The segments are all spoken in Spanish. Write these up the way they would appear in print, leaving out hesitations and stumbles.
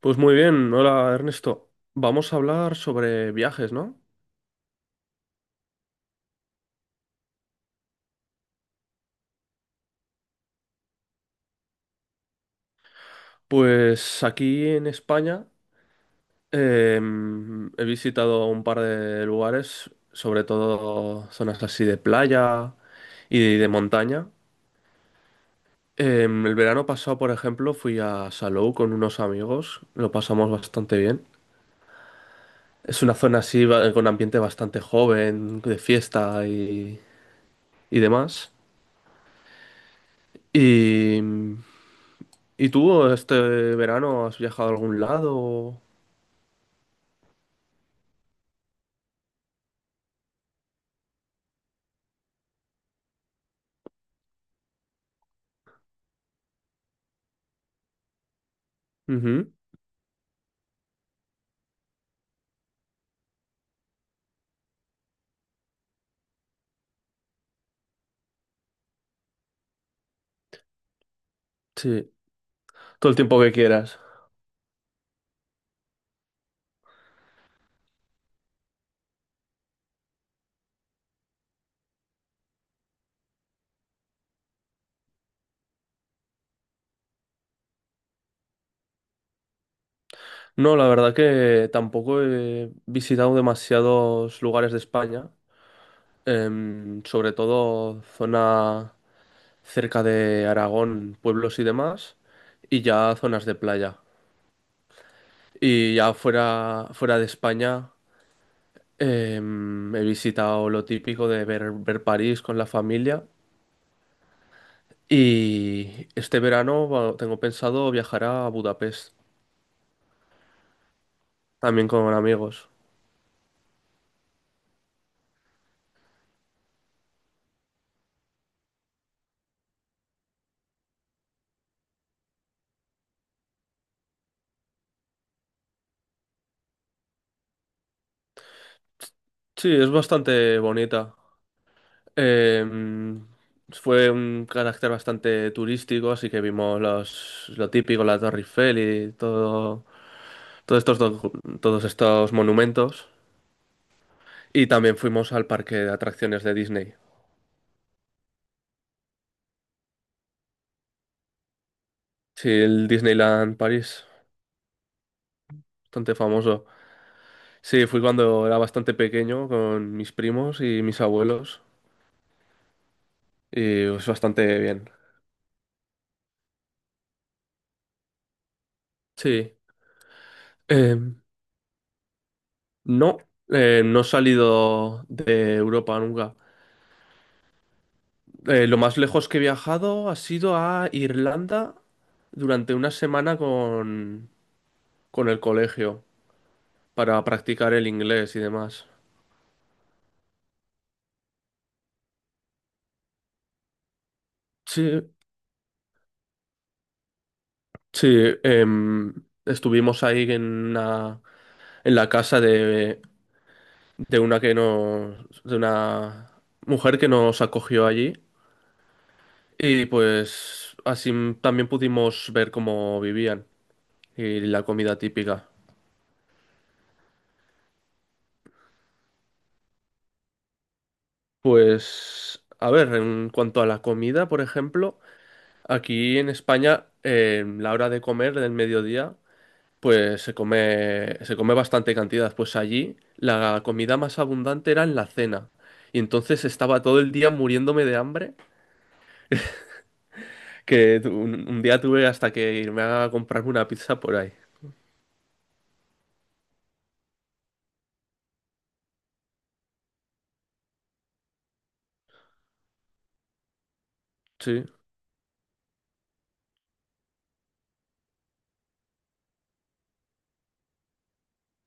Pues muy bien, hola Ernesto. Vamos a hablar sobre viajes, ¿no? Pues aquí en España he visitado un par de lugares, sobre todo zonas así de playa y de montaña. El verano pasado, por ejemplo, fui a Salou con unos amigos, lo pasamos bastante bien. Es una zona así con ambiente bastante joven, de fiesta y demás. Y ¿Y tú este verano has viajado a algún lado? Ujú. Sí, todo el tiempo que quieras. No, la verdad que tampoco he visitado demasiados lugares de España, sobre todo zona cerca de Aragón, pueblos y demás, y ya zonas de playa. Y ya fuera, fuera de España, he visitado lo típico de ver París con la familia. Y este verano bueno, tengo pensado viajar a Budapest, también con amigos. Sí, es bastante bonita. Eh, Fue un carácter bastante turístico, así que vimos lo típico, la Torre Eiffel y todo, todos estos, todos estos monumentos. Y también fuimos al parque de atracciones de Disney. Sí, el Disneyland París, bastante famoso. Sí, fui cuando era bastante pequeño con mis primos y mis abuelos y es bastante bien. Sí. Eh, no, no he salido de Europa nunca. Lo más lejos que he viajado ha sido a Irlanda durante una semana con el colegio para practicar el inglés y demás. Sí, sí, em, estuvimos ahí en en la casa de una mujer que nos acogió allí y pues así también pudimos ver cómo vivían. Y la comida típica. Pues, a ver, en cuanto a la comida, por ejemplo, aquí en España, la hora de comer del mediodía, pues se come bastante cantidad. Pues allí la comida más abundante era en la cena. Y entonces estaba todo el día muriéndome de hambre, que un día tuve hasta que irme a comprarme una pizza por ahí. Sí.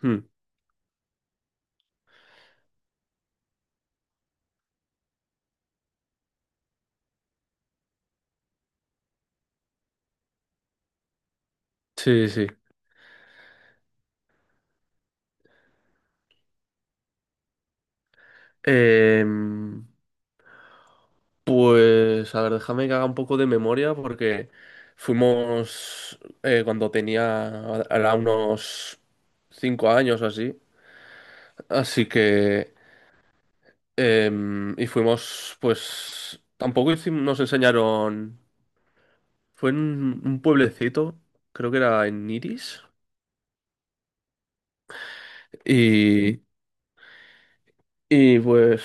Mm. Sí, sí. Em, Pues, a ver, déjame que haga un poco de memoria porque fuimos era unos 5 años o así, así que, y fuimos, pues, tampoco nos enseñaron, fue en un pueblecito, creo que era en Iris, y, y pues,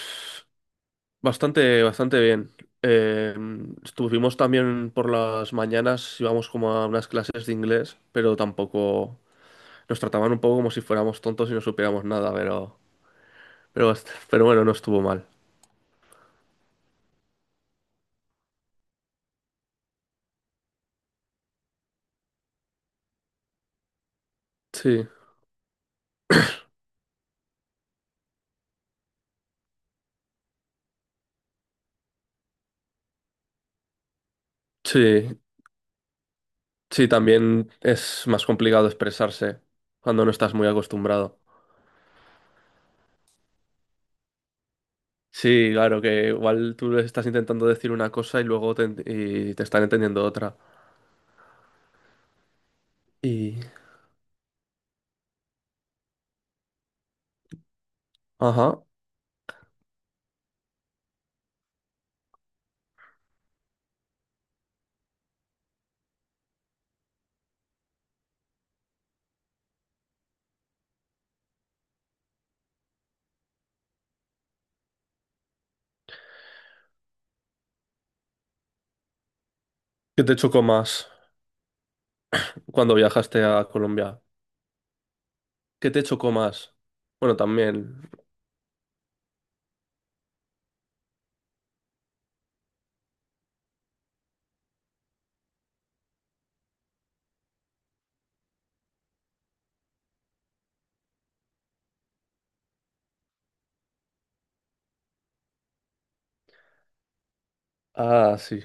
bastante, bastante bien. Estuvimos también por las mañanas, íbamos como a unas clases de inglés, pero tampoco. Nos trataban un poco como si fuéramos tontos y no supiéramos nada, pero, pero bueno, no estuvo mal. Sí, sí, sí, también es más complicado expresarse cuando no estás muy acostumbrado. Sí, claro, que igual tú les estás intentando decir una cosa y luego te están entendiendo otra. Y... Ajá. ¿Qué te chocó más cuando viajaste a Colombia? ¿Qué te chocó más? Bueno, también. Ah, sí.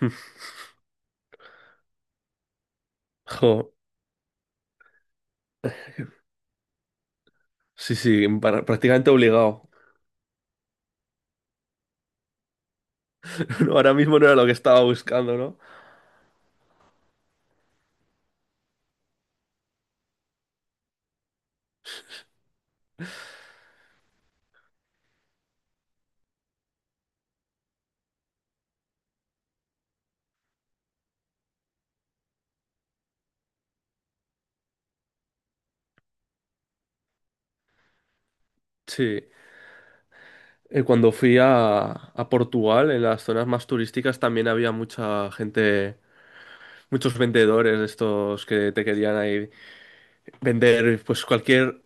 Jo, sí, sí, prácticamente obligado. No. Ahora mismo no era lo que estaba buscando, no. Sí. Cuando fui a, Portugal, en las zonas más turísticas también había mucha gente, muchos vendedores de estos que te querían ahí vender pues cualquier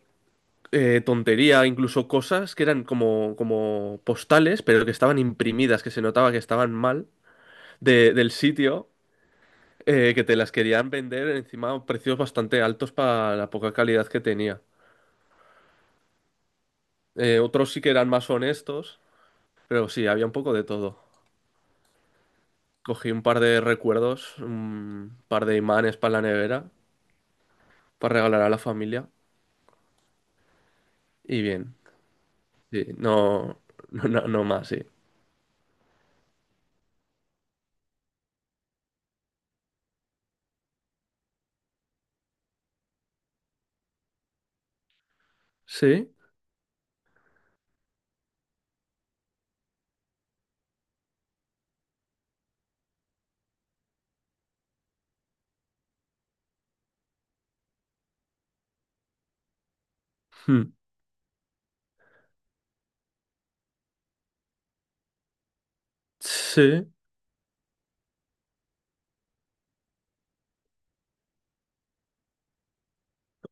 tontería, incluso cosas que eran como postales, pero que estaban imprimidas, que se notaba que estaban mal del sitio, que te las querían vender encima a precios bastante altos para la poca calidad que tenía. Otros sí que eran más honestos, pero sí, había un poco de todo. Cogí un par de recuerdos, un par de imanes para la nevera, para regalar a la familia. Y bien. Sí, no, no, no, no más, sí. Sí, hmm, sí,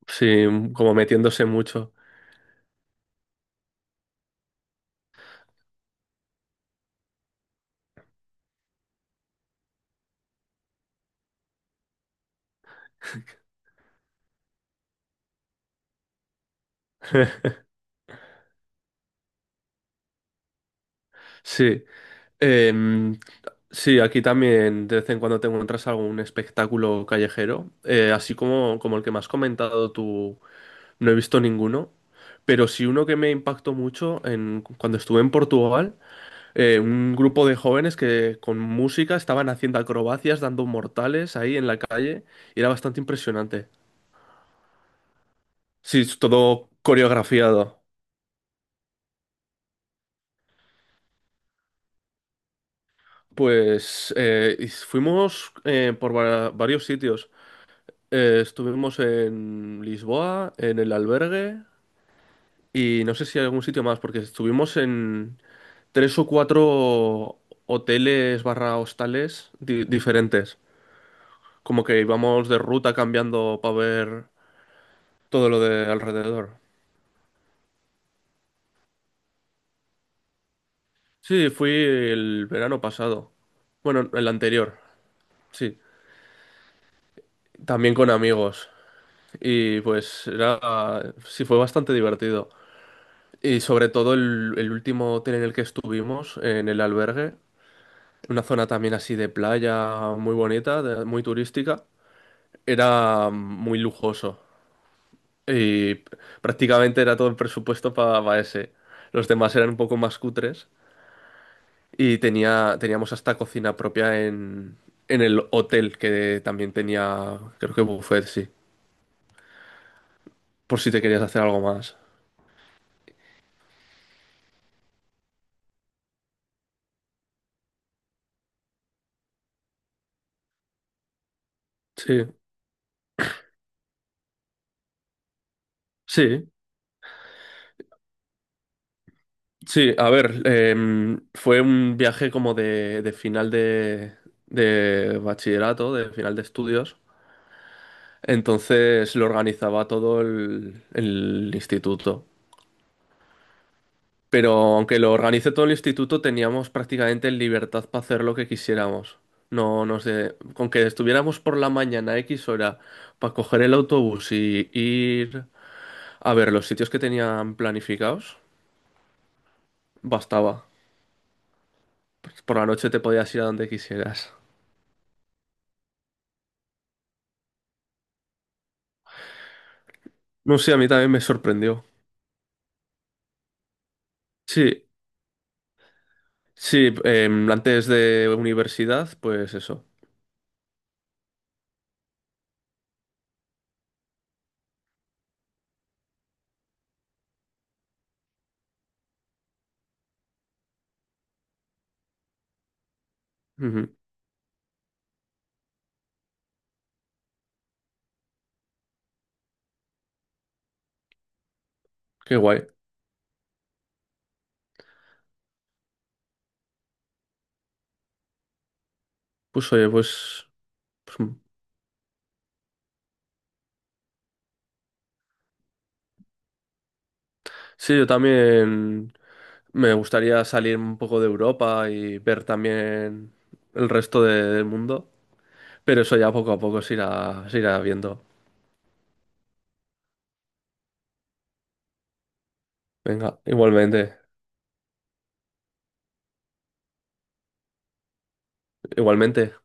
sí, como metiéndose mucho. Sí. Em, sí, aquí también de vez en cuando te encuentras algún espectáculo callejero, así como el que me has comentado tú, no he visto ninguno, pero sí uno que me impactó mucho cuando estuve en Portugal. Eh, un grupo de jóvenes que con música estaban haciendo acrobacias, dando mortales ahí en la calle y era bastante impresionante. Sí, es todo coreografiado. Pues y fuimos por varios sitios. Estuvimos en Lisboa, en el albergue y no sé si hay algún sitio más, porque estuvimos en tres o cuatro hoteles barra hostales diferentes. Como que íbamos de ruta cambiando para ver todo lo de alrededor. Sí, fui el verano pasado. Bueno, el anterior, sí. También con amigos. Y pues era, sí, fue bastante divertido. Y sobre todo el último hotel en el que estuvimos, en el albergue, una zona también así de playa muy bonita, muy turística, era muy lujoso. Y prácticamente era todo el presupuesto para ese. Los demás eran un poco más cutres. Y teníamos hasta cocina propia en el hotel, que también tenía, creo que buffet, sí. Por si te querías hacer algo más. Sí, sí, sí. A ver, fue un viaje como de, de final de bachillerato, de final de estudios. Entonces lo organizaba todo el instituto. Pero aunque lo organice todo el instituto, teníamos prácticamente libertad para hacer lo que quisiéramos. No, no sé, con que estuviéramos por la mañana a X hora para coger el autobús y ir a ver los sitios que tenían planificados, bastaba. Por la noche te podías ir a donde quisieras. No sé, a mí también me sorprendió. Sí, sí, antes de universidad, pues eso. Ujú. Qué guay. Pues oye, pues, mm. Sí, yo también. Me gustaría salir un poco de Europa y ver también el resto del mundo, pero eso ya poco a poco se irá viendo. Venga, igualmente, igualmente.